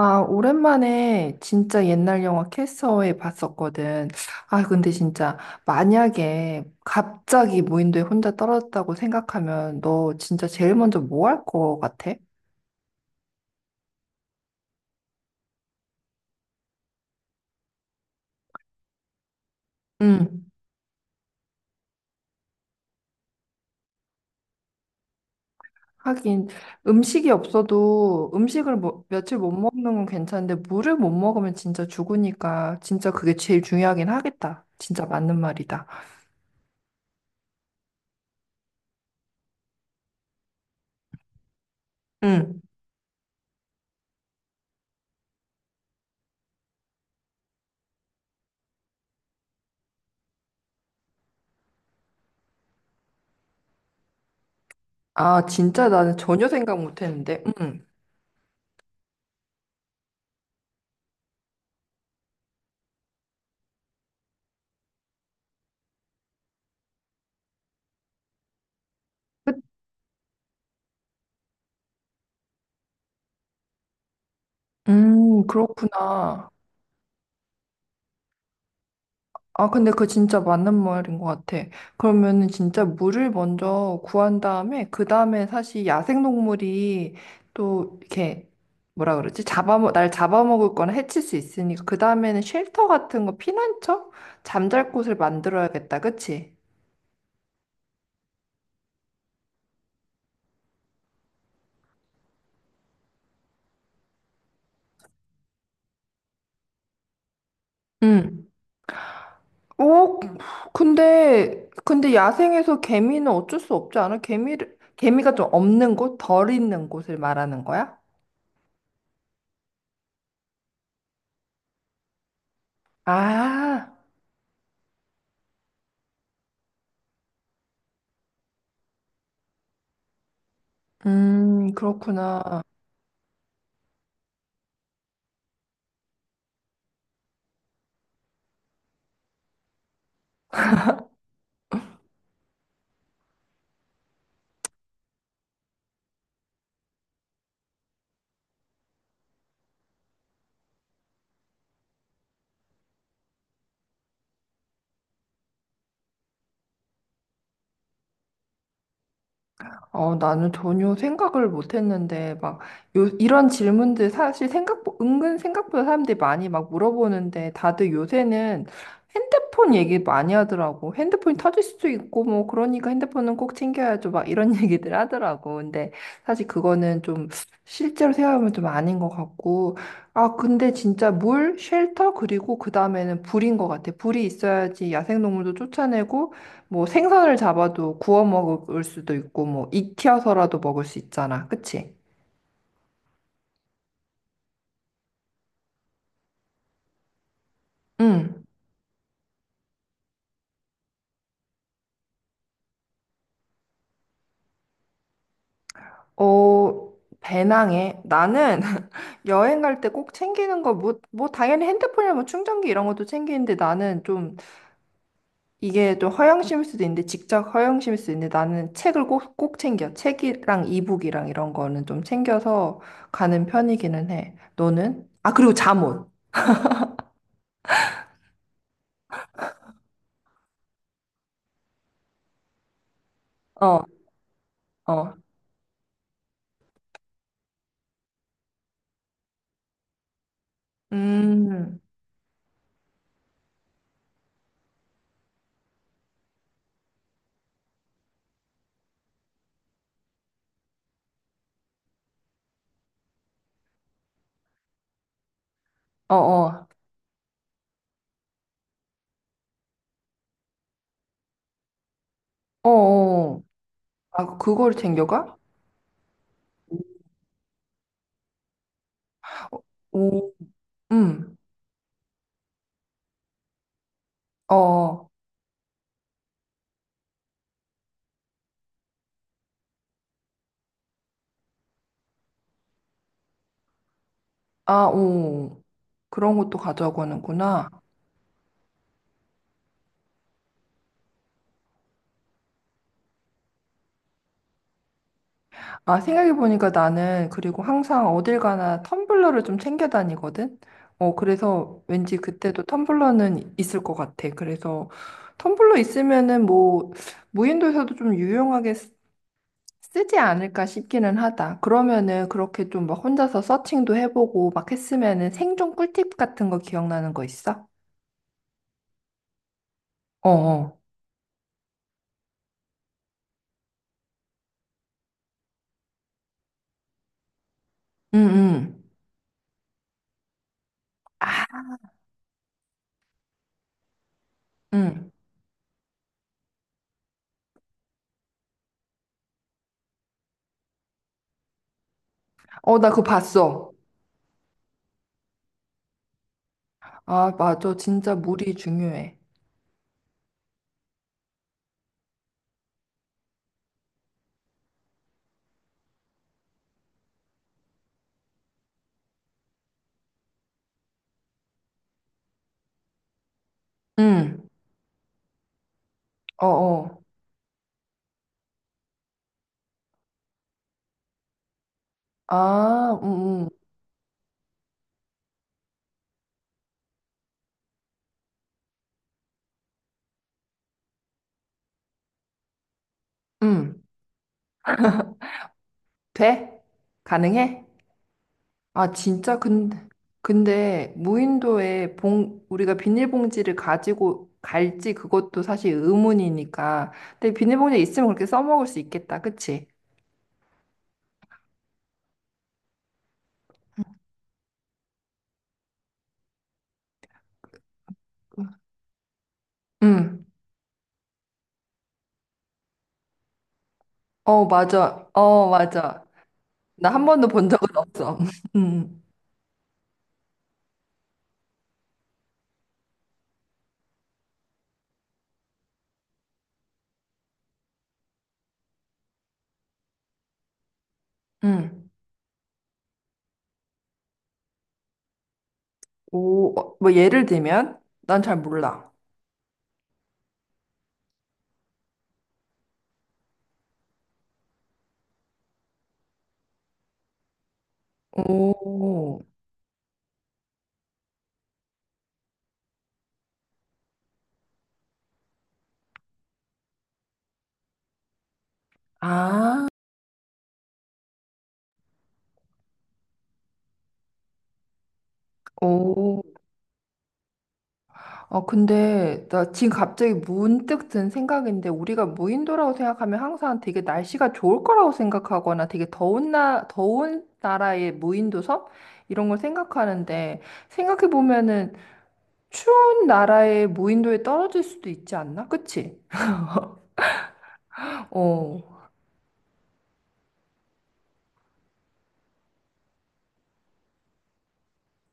아, 오랜만에 진짜 옛날 영화 캐서웨이 봤었거든. 아, 근데 진짜 만약에 갑자기 무인도에 혼자 떨어졌다고 생각하면 너 진짜 제일 먼저 뭐 할 거 같아? 응. 하긴 음식이 없어도 음식을 뭐, 며칠 못 먹는 건 괜찮은데 물을 못 먹으면 진짜 죽으니까 진짜 그게 제일 중요하긴 하겠다. 진짜 맞는 말이다. 응. 아, 진짜 나는 전혀 생각 못 했는데. 응. 그- 그렇구나. 아, 근데 그거 진짜 맞는 말인 것 같아. 그러면은 진짜 물을 먼저 구한 다음에, 그 다음에 사실 야생동물이 또 이렇게, 뭐라 그러지? 날 잡아먹을 거나 해칠 수 있으니까, 그 다음에는 쉘터 같은 거, 피난처? 잠잘 곳을 만들어야겠다, 그치? 응. 오, 근데 야생에서 개미는 어쩔 수 없지 않아? 개미를, 개미가 좀 없는 곳? 덜 있는 곳을 말하는 거야? 아, 그렇구나. 어, 나는 전혀 생각을 못 했는데, 막, 요, 이런 질문들 사실 생각, 은근 생각보다 사람들이 많이 막 물어보는데, 다들 요새는 핸드폰 얘기 많이 하더라고. 핸드폰이 터질 수도 있고, 뭐, 그러니까 핸드폰은 꼭 챙겨야죠. 막 이런 얘기들 하더라고. 근데 사실 그거는 좀 실제로 생각하면 좀 아닌 것 같고, 아, 근데 진짜 물, 쉘터, 그리고 그 다음에는 불인 것 같아. 불이 있어야지 야생동물도 쫓아내고, 뭐 생선을 잡아도 구워 먹을 수도 있고 뭐 익혀서라도 먹을 수 있잖아. 그치? 응. 어, 배낭에 나는 여행 갈 때 꼭 챙기는 거 뭐 뭐 당연히 핸드폰이나 뭐 충전기 이런 것도 챙기는데 나는 좀 이게 좀 허영심일 수도 있는데 직접 허영심일 수도 있는데 나는 책을 꼭 꼭 챙겨. 책이랑 이북이랑 이런 거는 좀 챙겨서 가는 편이기는 해. 너는? 아, 그리고 잠옷. 어, 어. 음. 어, 어. 어, 어. 아, 그걸 챙겨가? 오, 음, 어, 아, 오, 그런 것도 가져가고 하는구나. 아, 생각해보니까 나는 그리고 항상 어딜 가나 텀블러를 좀 챙겨 다니거든? 어, 그래서 왠지 그때도 텀블러는 있을 것 같아. 그래서 텀블러 있으면은 뭐, 무인도에서도 좀 유용하게 쓰지 않을까 싶기는 하다. 그러면은 그렇게 좀 막 혼자서 서칭도 해보고 막 했으면은 생존 꿀팁 같은 거 기억나는 거 있어? 어어. 응, 응. 응. 어, 나 그거 봤어. 아, 맞아. 진짜 물이 중요해. 응. 어, 어. 아, 응, 응. 응. 돼? 가능해? 아, 진짜? 근데, 근데 무인도에 우리가 비닐봉지를 가지고 갈지 그것도 사실 의문이니까. 근데 비닐봉지 있으면 그렇게 써먹을 수 있겠다. 그치? 응. 어, 맞아. 어, 맞아. 나 한 번도 본 적은 없어. 응. 응. 오, 어, 뭐 예를 들면? 난 잘 몰라. 오, 아, 오. 어, 근데 나 지금 갑자기 문득 든 생각인데 우리가 무인도라고 생각하면 항상 되게 날씨가 좋을 거라고 생각하거나 되게 더운 나라의 무인도 섬? 이런 걸 생각하는데 생각해 보면은 추운 나라의 무인도에 떨어질 수도 있지 않나? 그치? 어,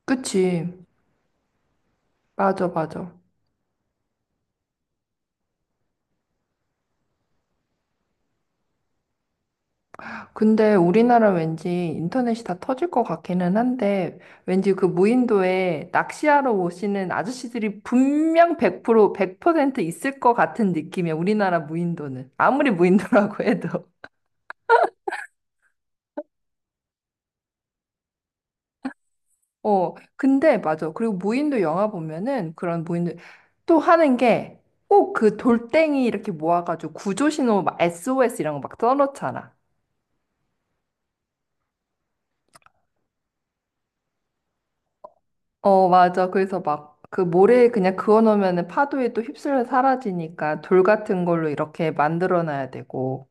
그치. 맞아, 맞아. 근데 우리나라 왠지 인터넷이 다 터질 것 같기는 한데, 왠지 그 무인도에 낚시하러 오시는 아저씨들이 분명 100%, 100% 있을 것 같은 느낌이야, 우리나라 무인도는. 아무리 무인도라고 해도. 어, 근데 맞아. 그리고 무인도 영화 보면은 그런 무인도 또 하는 게 꼭 그 돌덩이 이렇게 모아가지고 구조신호 막 SOS 이런 거 막 써놓잖아. 어, 맞아. 그래서 막 그 모래에 그냥 그어놓으면 파도에 또 휩쓸려 사라지니까 돌 같은 걸로 이렇게 만들어놔야 되고.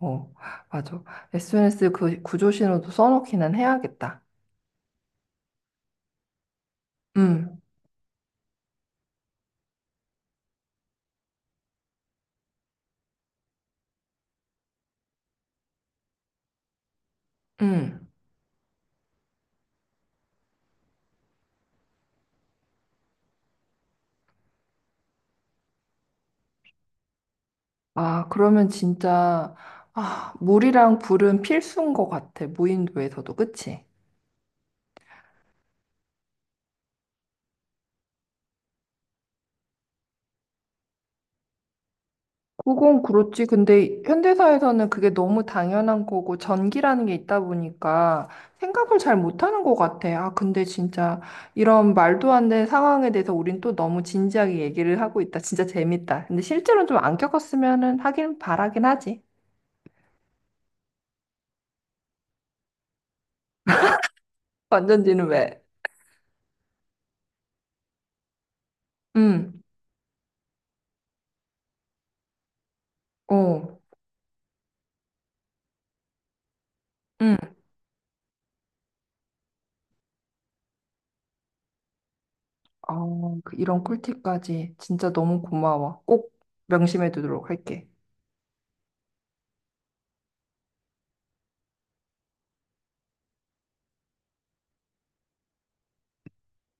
어, 맞아. SNS 그 구조 신호도 써놓기는 해야겠다. 음, 음. 아, 그러면 진짜, 아, 물이랑 불은 필수인 것 같아. 무인도에서도. 그치? 그건 그렇지. 근데 현대사에서는 그게 너무 당연한 거고, 전기라는 게 있다 보니까 생각을 잘 못하는 것 같아. 아, 근데 진짜 이런 말도 안 되는 상황에 대해서 우린 또 너무 진지하게 얘기를 하고 있다. 진짜 재밌다. 근데 실제로는 좀 안 겪었으면은 하긴 바라긴 하지. 완전지는 왜? 응, 어, 응. 아, 그 이런 꿀팁까지 진짜 너무 고마워. 꼭 명심해 두도록 할게.